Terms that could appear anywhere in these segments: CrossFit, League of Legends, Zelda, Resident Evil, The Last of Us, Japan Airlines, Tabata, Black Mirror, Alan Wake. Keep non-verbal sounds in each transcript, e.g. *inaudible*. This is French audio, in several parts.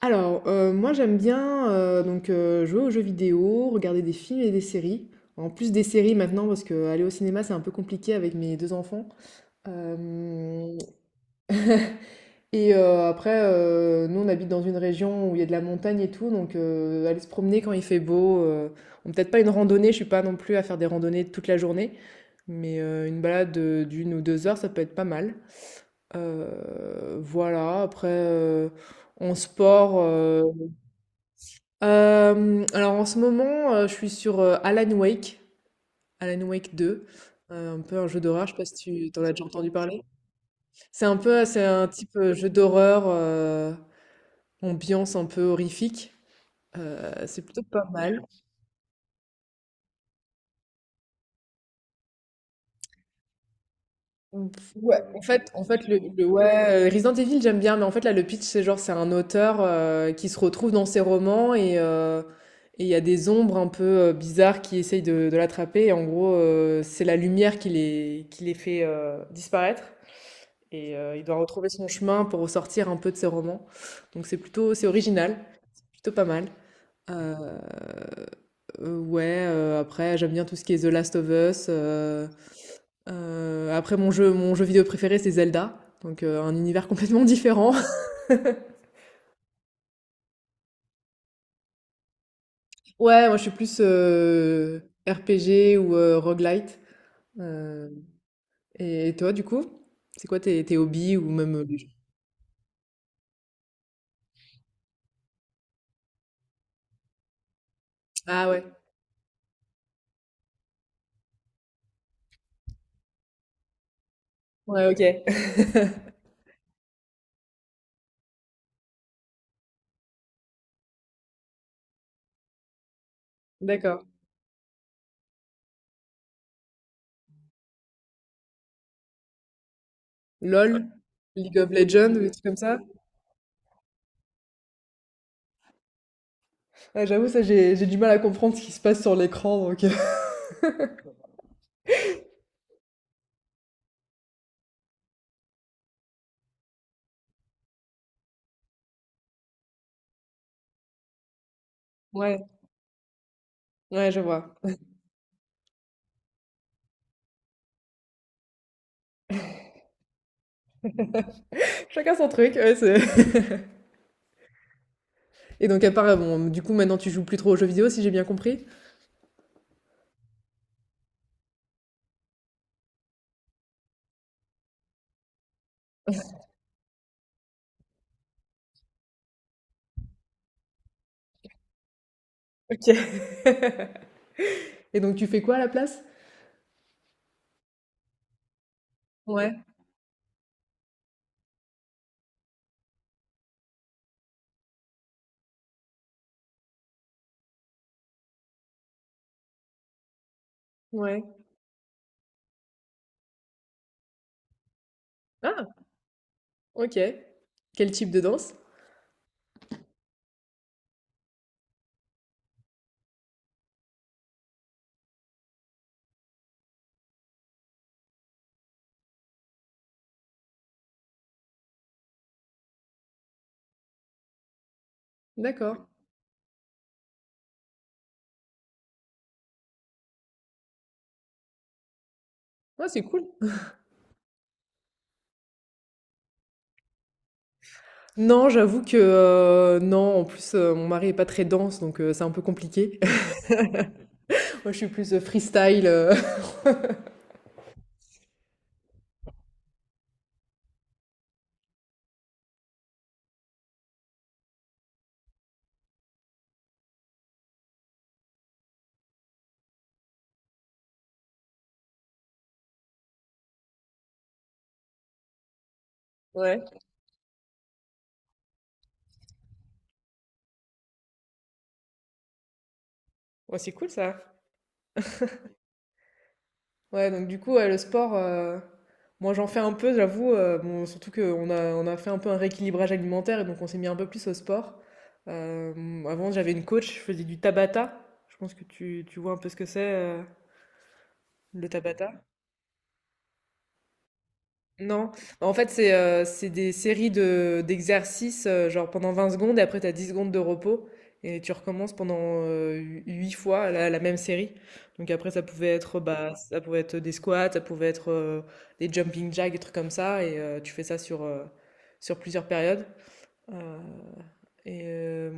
Alors, moi j'aime bien, donc jouer aux jeux vidéo, regarder des films et des séries. En plus des séries maintenant parce qu'aller au cinéma, c'est un peu compliqué avec mes 2 enfants. Hem et après, nous on habite dans une région où il y a de la montagne et tout, donc aller se promener quand il fait beau, bon peut-être pas une randonnée, je suis pas non plus à faire des randonnées toute la journée, mais une balade d'une ou 2 heures, ça peut être pas mal. Voilà. Après, en sport, euh, alors en ce moment, je suis sur, Alan Wake, Alan Wake deux, un peu un jeu d'horreur. Je sais pas si tu en as déjà entendu parler? C'est un type, jeu d'horreur, ambiance un peu horrifique, c'est plutôt pas mal. Ou, ouais, en fait le ouais, Resident Evil j'aime bien, mais en fait là le pitch c'est genre c'est un auteur, qui se retrouve dans ses romans et il y a des ombres un peu bizarres qui essayent de l'attraper, et en gros, c'est la lumière qui les fait disparaître, et il doit retrouver son chemin pour ressortir un peu de ses romans. Donc c'est original, c'est plutôt pas mal. Heu ouais. Après j'aime bien tout ce qui est The Last of Us. Après mon jeu vidéo préféré, c'est Zelda, donc un univers complètement différent. *laughs* Ouais, moi je suis plus RPG ou roguelite. Heu et toi, du coup? C'est quoi tes hobbies ou même, les jeux? Ah ouais. Ouais, OK. *laughs* D'accord. LOL? League of Legends ou des trucs comme ça? Ouais, j'avoue, ça j'ai du mal à comprendre ce qui se passe sur l'écran, donc *laughs* ouais, ouais, je vois. Chacun son truc, ouais, c'est... *laughs* Et donc à part, bon, du coup maintenant tu joues plus trop aux jeux vidéo si j'ai bien compris? OK. *laughs* Et donc tu fais quoi à la place? Ouais. Ouais. Ah! OK. Quel type de danse? D'accord. Ah, c'est cool. Non, j'avoue que, non, en plus, mon mari est pas très danse, donc c'est un peu compliqué. *laughs* Moi, je suis plus, freestyle. *laughs* Ouais. Ouais, c'est cool, ça. Ouais, donc du coup, ouais, le sport, moi, j'en fais un peu, j'avoue, bon, surtout qu'on a fait un peu un rééquilibrage alimentaire et donc on s'est mis un peu plus au sport. Avant, j'avais une coach, je faisais du Tabata. Je pense que tu vois un peu ce que c'est, heu, le Tabata? Non. Bah, en fait, c'est des séries de d'exercices, genre pendant 20 secondes, et après, tu as 10 secondes de repos, et tu recommences pendant euh, 8 fois la même série. Donc après, ça pouvait être, bah, ça pouvait être des squats, ça pouvait être des jumping jacks, des trucs comme ça, et tu fais ça sur plusieurs périodes. Euh, et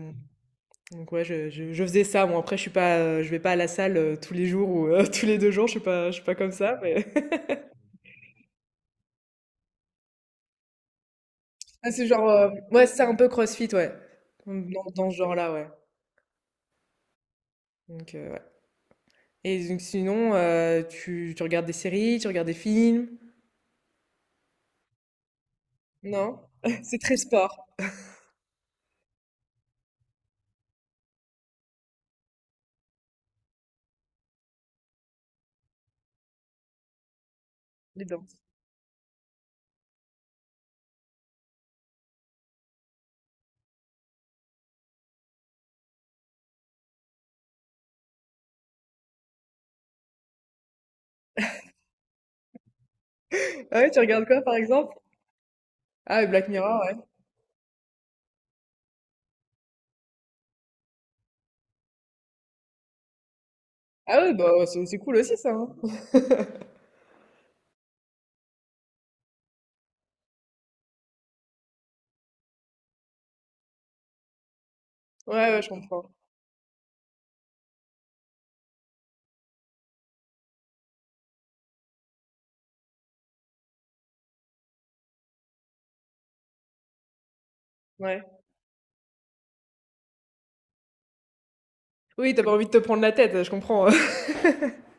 donc ouais, je faisais ça. Bon, après, je vais pas à la salle tous les jours ou *laughs* tous les deux jours, je suis pas comme ça, mais... Ah, c'est genre, ouais, c'est un peu CrossFit, ouais. Dans, ce genre-là, ouais. Donc, ouais. Et donc, sinon, tu regardes des séries, tu regardes des films? Non? *laughs* C'est très sport, les danses. Ah ouais, tu regardes quoi, par exemple? Ah, ouais, Black Mirror, ouais. Ah ouais, bah, ouais, c'est cool aussi, ça, hein. Ouais, ouais, je comprends. Ouais. Oui, t'as pas envie de te prendre la tête, je comprends. *laughs*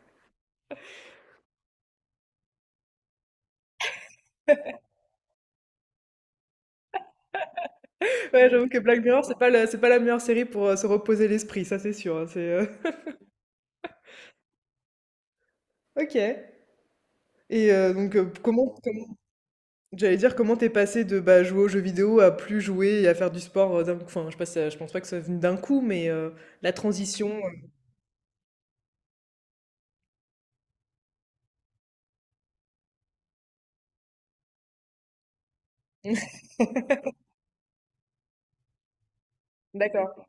Ouais, j'avoue que Black Mirror, c'est pas la meilleure série pour se reposer l'esprit, ça c'est sûr, hein. *laughs* Ok. Et donc, j'allais dire comment t'es passé de, bah, jouer aux jeux vidéo à plus jouer et à faire du sport, d'un coup. Enfin, je sais pas si ça je pense pas que ça venu d'un coup, mais la transition, heu *laughs* d'accord.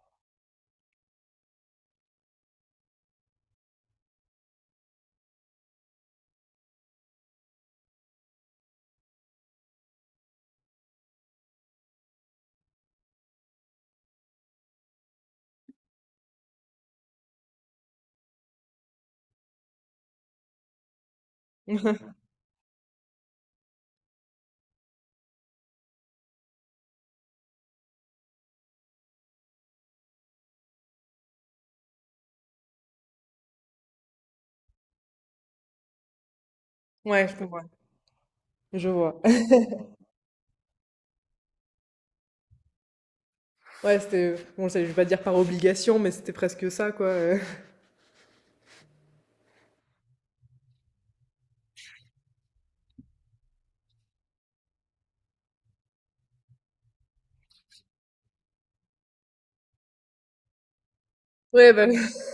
*laughs* Ouais, je comprends. Je vois. *laughs* Ouais, c'était bon, ça je vais pas dire par obligation, mais c'était presque ça, quoi. *laughs* Ouais, bah, *laughs*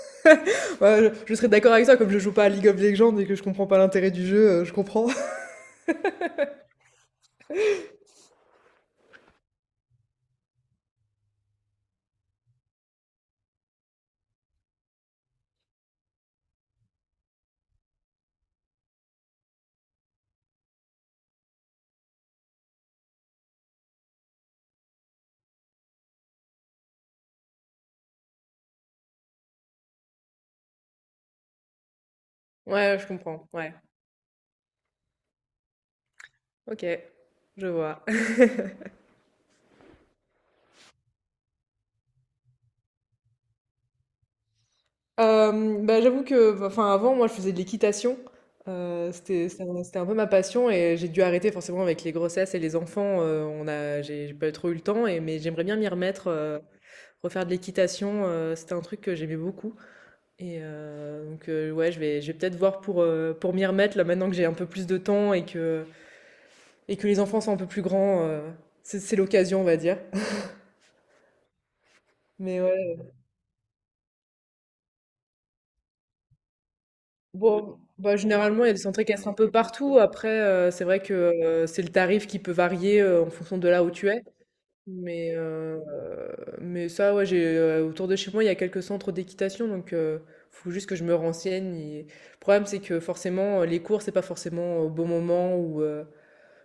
ouais, je serais d'accord avec ça, comme je joue pas à League of Legends et que je comprends pas l'intérêt du jeu, je comprends. *laughs* Ouais, je comprends, ouais. OK, je vois. Bah, j'avoue que bah, enfin, avant, moi, je faisais de l'équitation. C'était un peu ma passion, et j'ai dû arrêter forcément avec les grossesses et les enfants. On a j'ai pas trop eu le temps, mais j'aimerais bien m'y remettre, refaire de l'équitation. C'était un truc que j'aimais beaucoup, donc ouais, je vais peut-être voir pour m'y remettre, là, maintenant que j'ai un peu plus de temps et que les enfants sont un peu plus grands, c'est l'occasion, on va dire. *laughs* Mais ouais. Bon, bah, généralement, il y a des centres qui restent un peu partout. Après, c'est vrai que c'est le tarif qui peut varier en fonction de là où tu es. Mais, euh, mais ça, ouais, autour de chez moi, il y a quelques centres d'équitation. Donc, il faut juste que je me renseigne. Le problème, c'est que forcément, les cours, c'est pas forcément au bon moment ou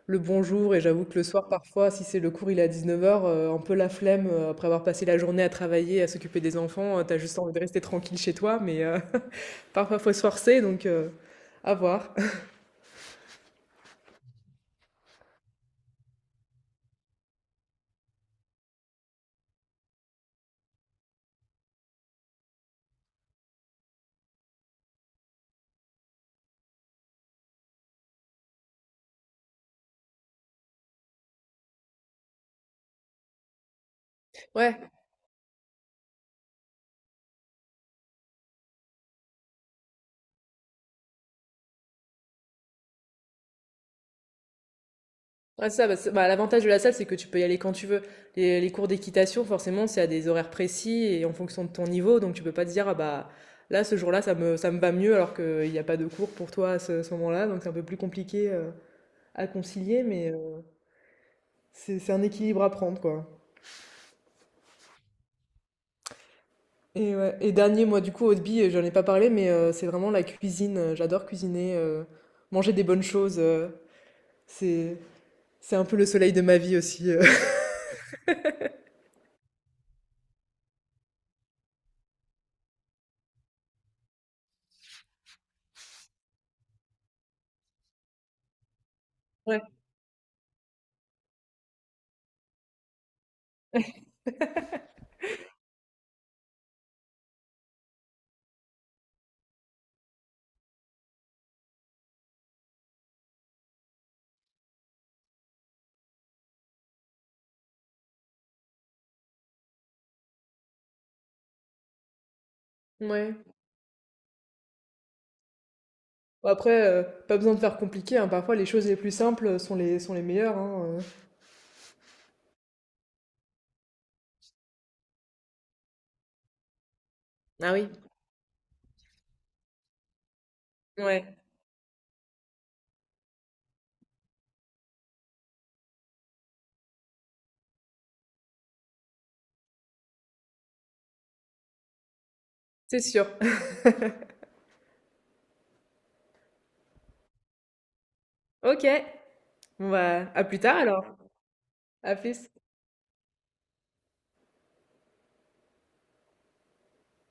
le bon jour. Et j'avoue que le soir, parfois, si c'est le cours, il est à 19h, un peu la flemme, après avoir passé la journée à travailler, à s'occuper des enfants, t'as juste envie de rester tranquille chez toi. Parfois, faut se forcer, donc à voir. *laughs* Ouais, ouais, ça, bah, bah, l'avantage de la salle, c'est que tu peux y aller quand tu veux. Les cours d'équitation, forcément, c'est à des horaires précis et en fonction de ton niveau, donc tu peux pas te dire, ah bah là, ce jour-là, ça me va mieux alors qu'il n'y a pas de cours pour toi à ce moment-là, donc c'est un peu plus compliqué à concilier, mais c'est un équilibre à prendre, quoi. Et, ouais, et dernier, moi, du coup, au Hobby, j'en ai pas parlé, mais c'est vraiment la cuisine. J'adore cuisiner, manger des bonnes choses. C'est, c'est un peu le soleil de ma vie aussi. *laughs* Ouais. Bon, après, pas besoin de faire compliqué, hein, parfois les choses les plus simples sont les meilleures, hein. Ah oui. Ouais, c'est sûr. *laughs* OK. Bon, bah, à plus tard alors. À plus.